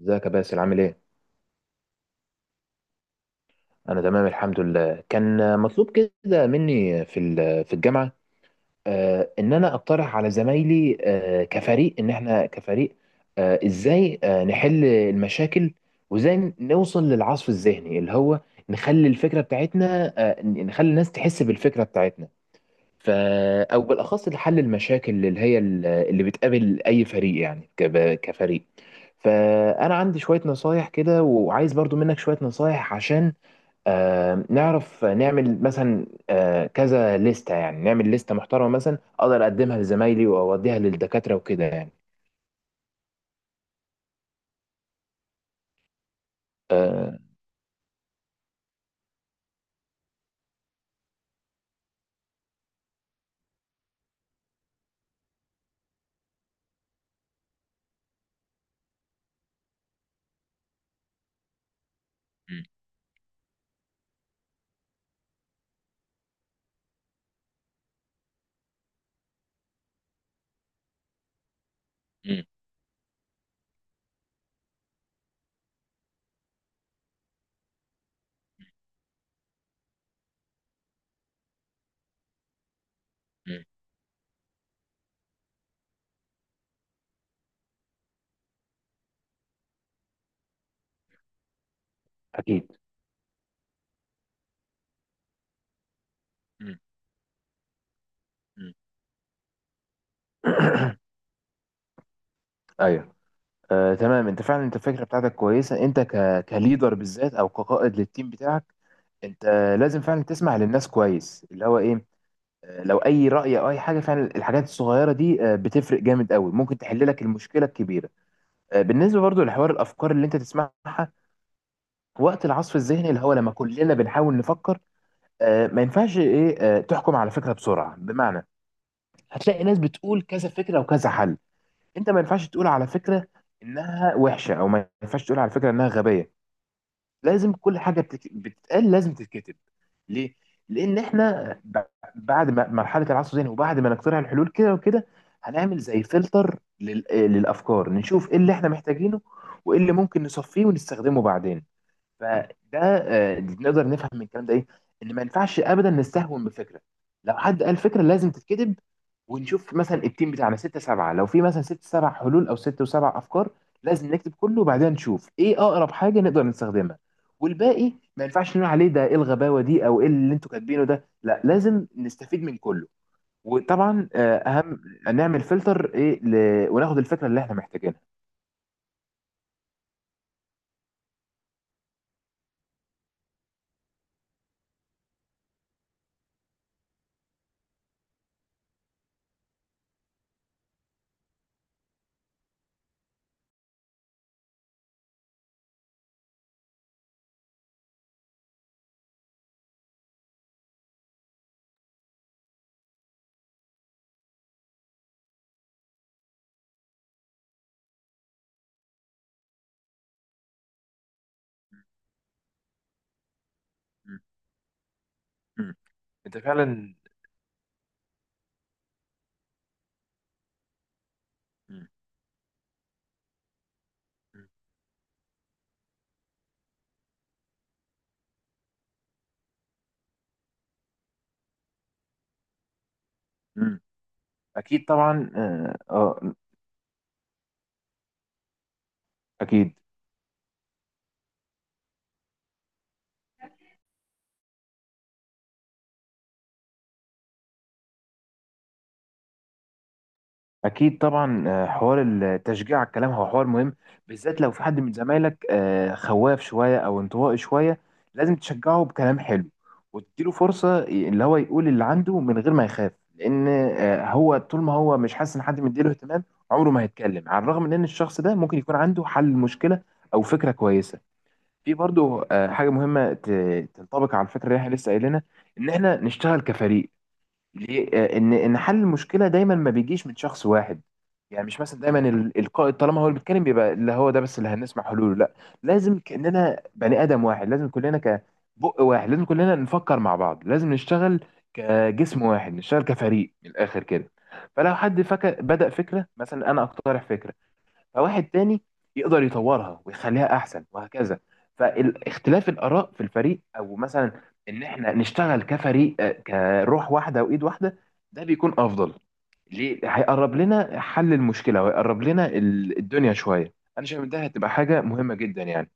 ازيك يا باسل عامل ايه؟ انا تمام الحمد لله. كان مطلوب كده مني في الجامعه، ان انا اقترح على زمايلي، كفريق، ان احنا كفريق، ازاي، نحل المشاكل، وازاي نوصل للعصف الذهني اللي هو نخلي الفكره بتاعتنا، نخلي الناس تحس بالفكره بتاعتنا. ف او بالاخص لحل المشاكل اللي هي اللي بتقابل اي فريق، يعني كفريق. فانا عندي شويه نصايح كده، وعايز برضو منك شويه نصايح، عشان نعرف نعمل مثلا، كذا لستة، يعني نعمل لستة محترمة مثلا أقدر أقدمها لزمايلي وأوديها للدكاترة وكده يعني. آه، مم. مم. أكيد. مم. مم. أيوه. تمام، أنت فعلا، أنت الفكرة بتاعتك كويسة، أنت كليدر بالذات أو كقائد للتيم بتاعك، أنت لازم فعلا تسمع للناس كويس، اللي هو إيه، لو أي رأي أو أي حاجة، فعلا الحاجات الصغيرة دي بتفرق جامد قوي، ممكن تحل لك المشكلة الكبيرة. بالنسبة برضو لحوار الأفكار اللي أنت تسمعها وقت العصف الذهني، اللي هو لما كلنا بنحاول نفكر، ما ينفعش ايه، تحكم على فكره بسرعه. بمعنى، هتلاقي ناس بتقول كذا فكره وكذا حل، انت ما ينفعش تقول على فكره انها وحشه، او ما ينفعش تقول على فكره انها غبيه. لازم كل حاجه بتتقال لازم تتكتب. ليه؟ لان احنا بعد ما مرحله العصف الذهني وبعد ما نقترح الحلول كده وكده، هنعمل زي فلتر لل... آه، للافكار، نشوف ايه اللي احنا محتاجينه، وايه اللي ممكن نصفيه ونستخدمه بعدين. فده نقدر نفهم من الكلام ده ايه، ان ما ينفعش ابدا نستهون بفكره، لو حد قال فكره لازم تتكتب. ونشوف مثلا التيم بتاعنا 6 7، لو في مثلا 6 7 حلول او 6 و7 افكار، لازم نكتب كله وبعدين نشوف ايه اقرب حاجه نقدر نستخدمها، والباقي ما ينفعش نقول عليه ده ايه الغباوه دي او ايه اللي انتوا كاتبينه ده، لا لازم نستفيد من كله. وطبعا اهم نعمل فلتر ايه وناخد الفكره اللي احنا محتاجينها. م- م. انت فعلا. م- م- اكيد طبعا، اه. اكيد. اكيد طبعا، حوار التشجيع على الكلام هو حوار مهم، بالذات لو في حد من زمايلك خواف شويه او انطوائي شويه، لازم تشجعه بكلام حلو وتديله فرصه اللي هو يقول اللي عنده من غير ما يخاف، لان هو طول ما هو مش حاسس ان حد مديله اهتمام، عمره ما هيتكلم، على الرغم من ان الشخص ده ممكن يكون عنده حل المشكله او فكره كويسه. في برضه حاجه مهمه تنطبق على الفكره اللي احنا لسه قايلينها، ان احنا نشتغل كفريق. ليه؟ ان حل المشكله دايما ما بيجيش من شخص واحد. يعني مش مثلا دايما القائد طالما هو اللي بيتكلم بيبقى اللي هو ده بس اللي هنسمع حلوله، لا. لازم كاننا بني ادم واحد، لازم كلنا كبق واحد، لازم كلنا نفكر مع بعض، لازم نشتغل كجسم واحد، نشتغل كفريق من الاخر كده. فلو حد فكر بدأ فكره، مثلا انا اقترح فكره، فواحد تاني يقدر يطورها ويخليها احسن وهكذا. فاختلاف الاراء في الفريق، او مثلا ان احنا نشتغل كفريق، كروح واحده وايد واحده، ده بيكون افضل. ليه؟ هيقرب لنا حل المشكله، وهيقرب لنا الدنيا شويه. انا شايف إن ده هتبقى حاجه مهمه جدا يعني.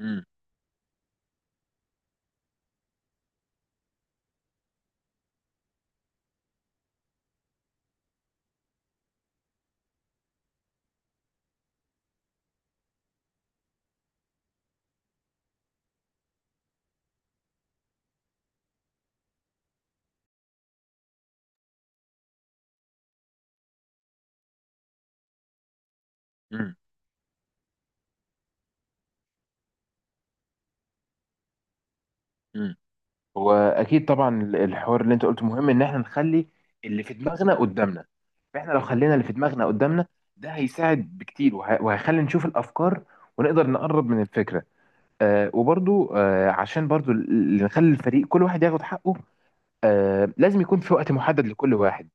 مم. مم. مم. واكيد طبعا الحوار اللي انت قلته مهم، ان احنا نخلي اللي في دماغنا قدامنا. فاحنا لو خلينا اللي في دماغنا قدامنا، ده هيساعد بكتير، وهيخلي نشوف الافكار، ونقدر نقرب من الفكره. آه، وبرضو آه، عشان برضو نخلي الفريق كل واحد ياخد حقه. آه، لازم يكون في وقت محدد لكل واحد.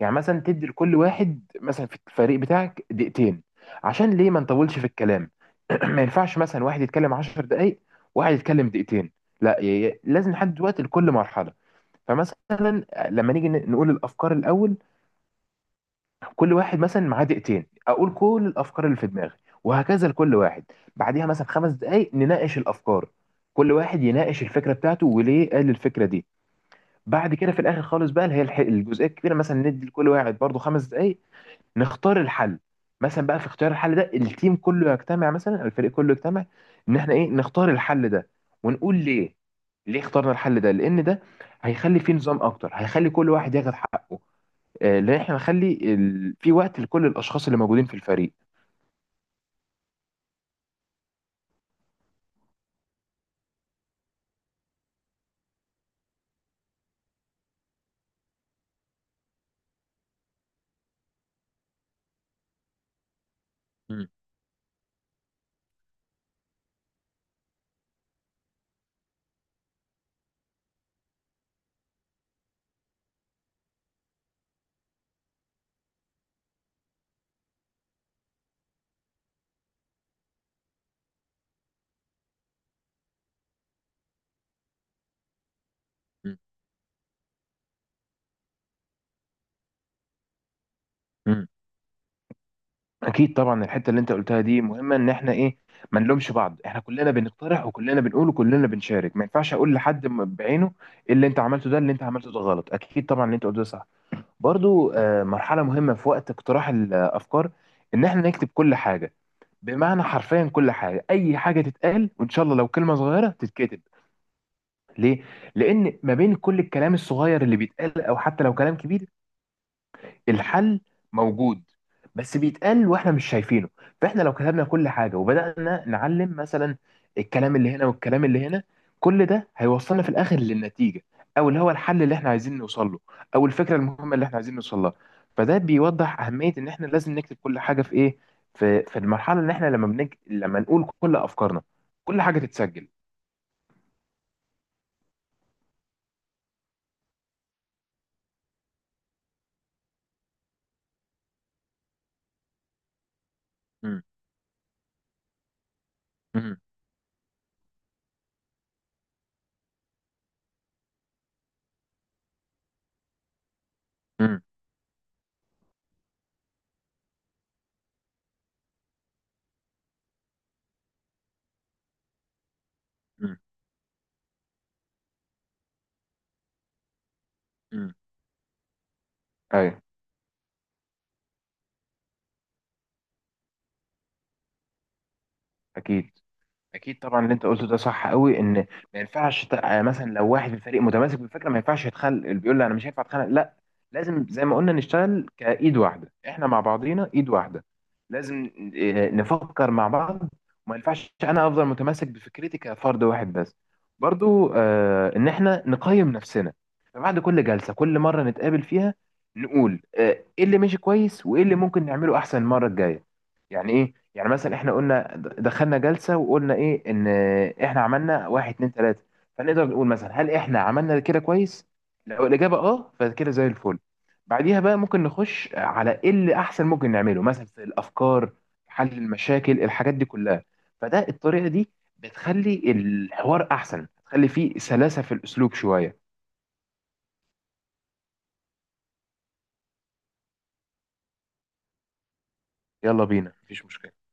يعني مثلا تدي لكل واحد مثلا في الفريق بتاعك دقيقتين، عشان ليه ما نطولش في الكلام. ما ينفعش مثلا واحد يتكلم 10 دقايق واحد يتكلم دقيقتين، لا لازم نحدد وقت لكل مرحلة. فمثلا لما نيجي نقول الأفكار الأول، كل واحد مثلا معاه دقيقتين، أقول كل الأفكار اللي في دماغي، وهكذا لكل واحد. بعديها مثلا 5 دقايق نناقش الأفكار، كل واحد يناقش الفكرة بتاعته وليه قال الفكرة دي. بعد كده في الاخر خالص بقى، اللي هي الجزئيه الكبيره، مثلا ندي لكل واحد برضو 5 دقائق نختار الحل. مثلا بقى في اختيار الحل ده، التيم كله يجتمع، مثلا الفريق كله يجتمع، ان احنا ايه نختار الحل ده، ونقول ليه، ليه اخترنا الحل ده. لان ده هيخلي فيه نظام اكتر، هيخلي كل واحد ياخد حقه، لان احنا نخلي في وقت لكل الاشخاص اللي موجودين في الفريق. مم. مم. اكيد طبعا الحته اللي انت قلتها دي مهمه، ان احنا ايه، ما نلومش بعض. احنا كلنا بنقترح وكلنا بنقول وكلنا بنشارك، ما ينفعش اقول لحد بعينه إيه اللي انت عملته ده، اللي انت عملته ده غلط. اكيد طبعا اللي انت قلته ده صح. برضو مرحله مهمه في وقت اقتراح الافكار، ان احنا نكتب كل حاجه. بمعنى حرفيا كل حاجه، اي حاجه تتقال، وان شاء الله لو كلمه صغيره تتكتب. ليه؟ لان ما بين كل الكلام الصغير اللي بيتقال، او حتى لو كلام كبير، الحل موجود، بس بيتقال واحنا مش شايفينه. فاحنا لو كتبنا كل حاجه وبدانا نعلم مثلا الكلام اللي هنا والكلام اللي هنا، كل ده هيوصلنا في الاخر للنتيجه، او اللي هو الحل اللي احنا عايزين نوصل له، او الفكره المهمه اللي احنا عايزين نوصل لها. فده بيوضح اهميه ان احنا لازم نكتب كل حاجه في ايه، في المرحله اللي احنا لما لما نقول كل افكارنا كل حاجه تتسجل. امم. امم. امم. امم. ايوه. اكيد. اكيد طبعا اللي انت قلته ده صح قوي، ان ما ينفعش مثلا لو واحد في الفريق متماسك بالفكره، ما ينفعش يتخلق اللي بيقول لي انا مش هينفع اتخانق، لا. لازم زي ما قلنا نشتغل كايد واحده، احنا مع بعضينا ايد واحده. لازم نفكر مع بعض، وما ينفعش انا افضل متمسك بفكرتي كفرد واحد بس. برضو ان احنا نقيم نفسنا. فبعد كل جلسه كل مره نتقابل فيها، نقول ايه اللي ماشي كويس وايه اللي ممكن نعمله احسن المره الجايه. يعني ايه؟ يعني مثلا احنا قلنا دخلنا جلسه وقلنا ايه، ان احنا عملنا 1 2 3، فنقدر نقول مثلا هل احنا عملنا كده كويس، لو الاجابه اه فكده زي الفل. بعديها بقى ممكن نخش على ايه اللي احسن ممكن نعمله مثلا في الافكار، حل المشاكل الحاجات دي كلها. فده الطريقه دي بتخلي الحوار احسن، بتخلي فيه سلاسه في الاسلوب شويه. يلا بينا، مفيش مشكله.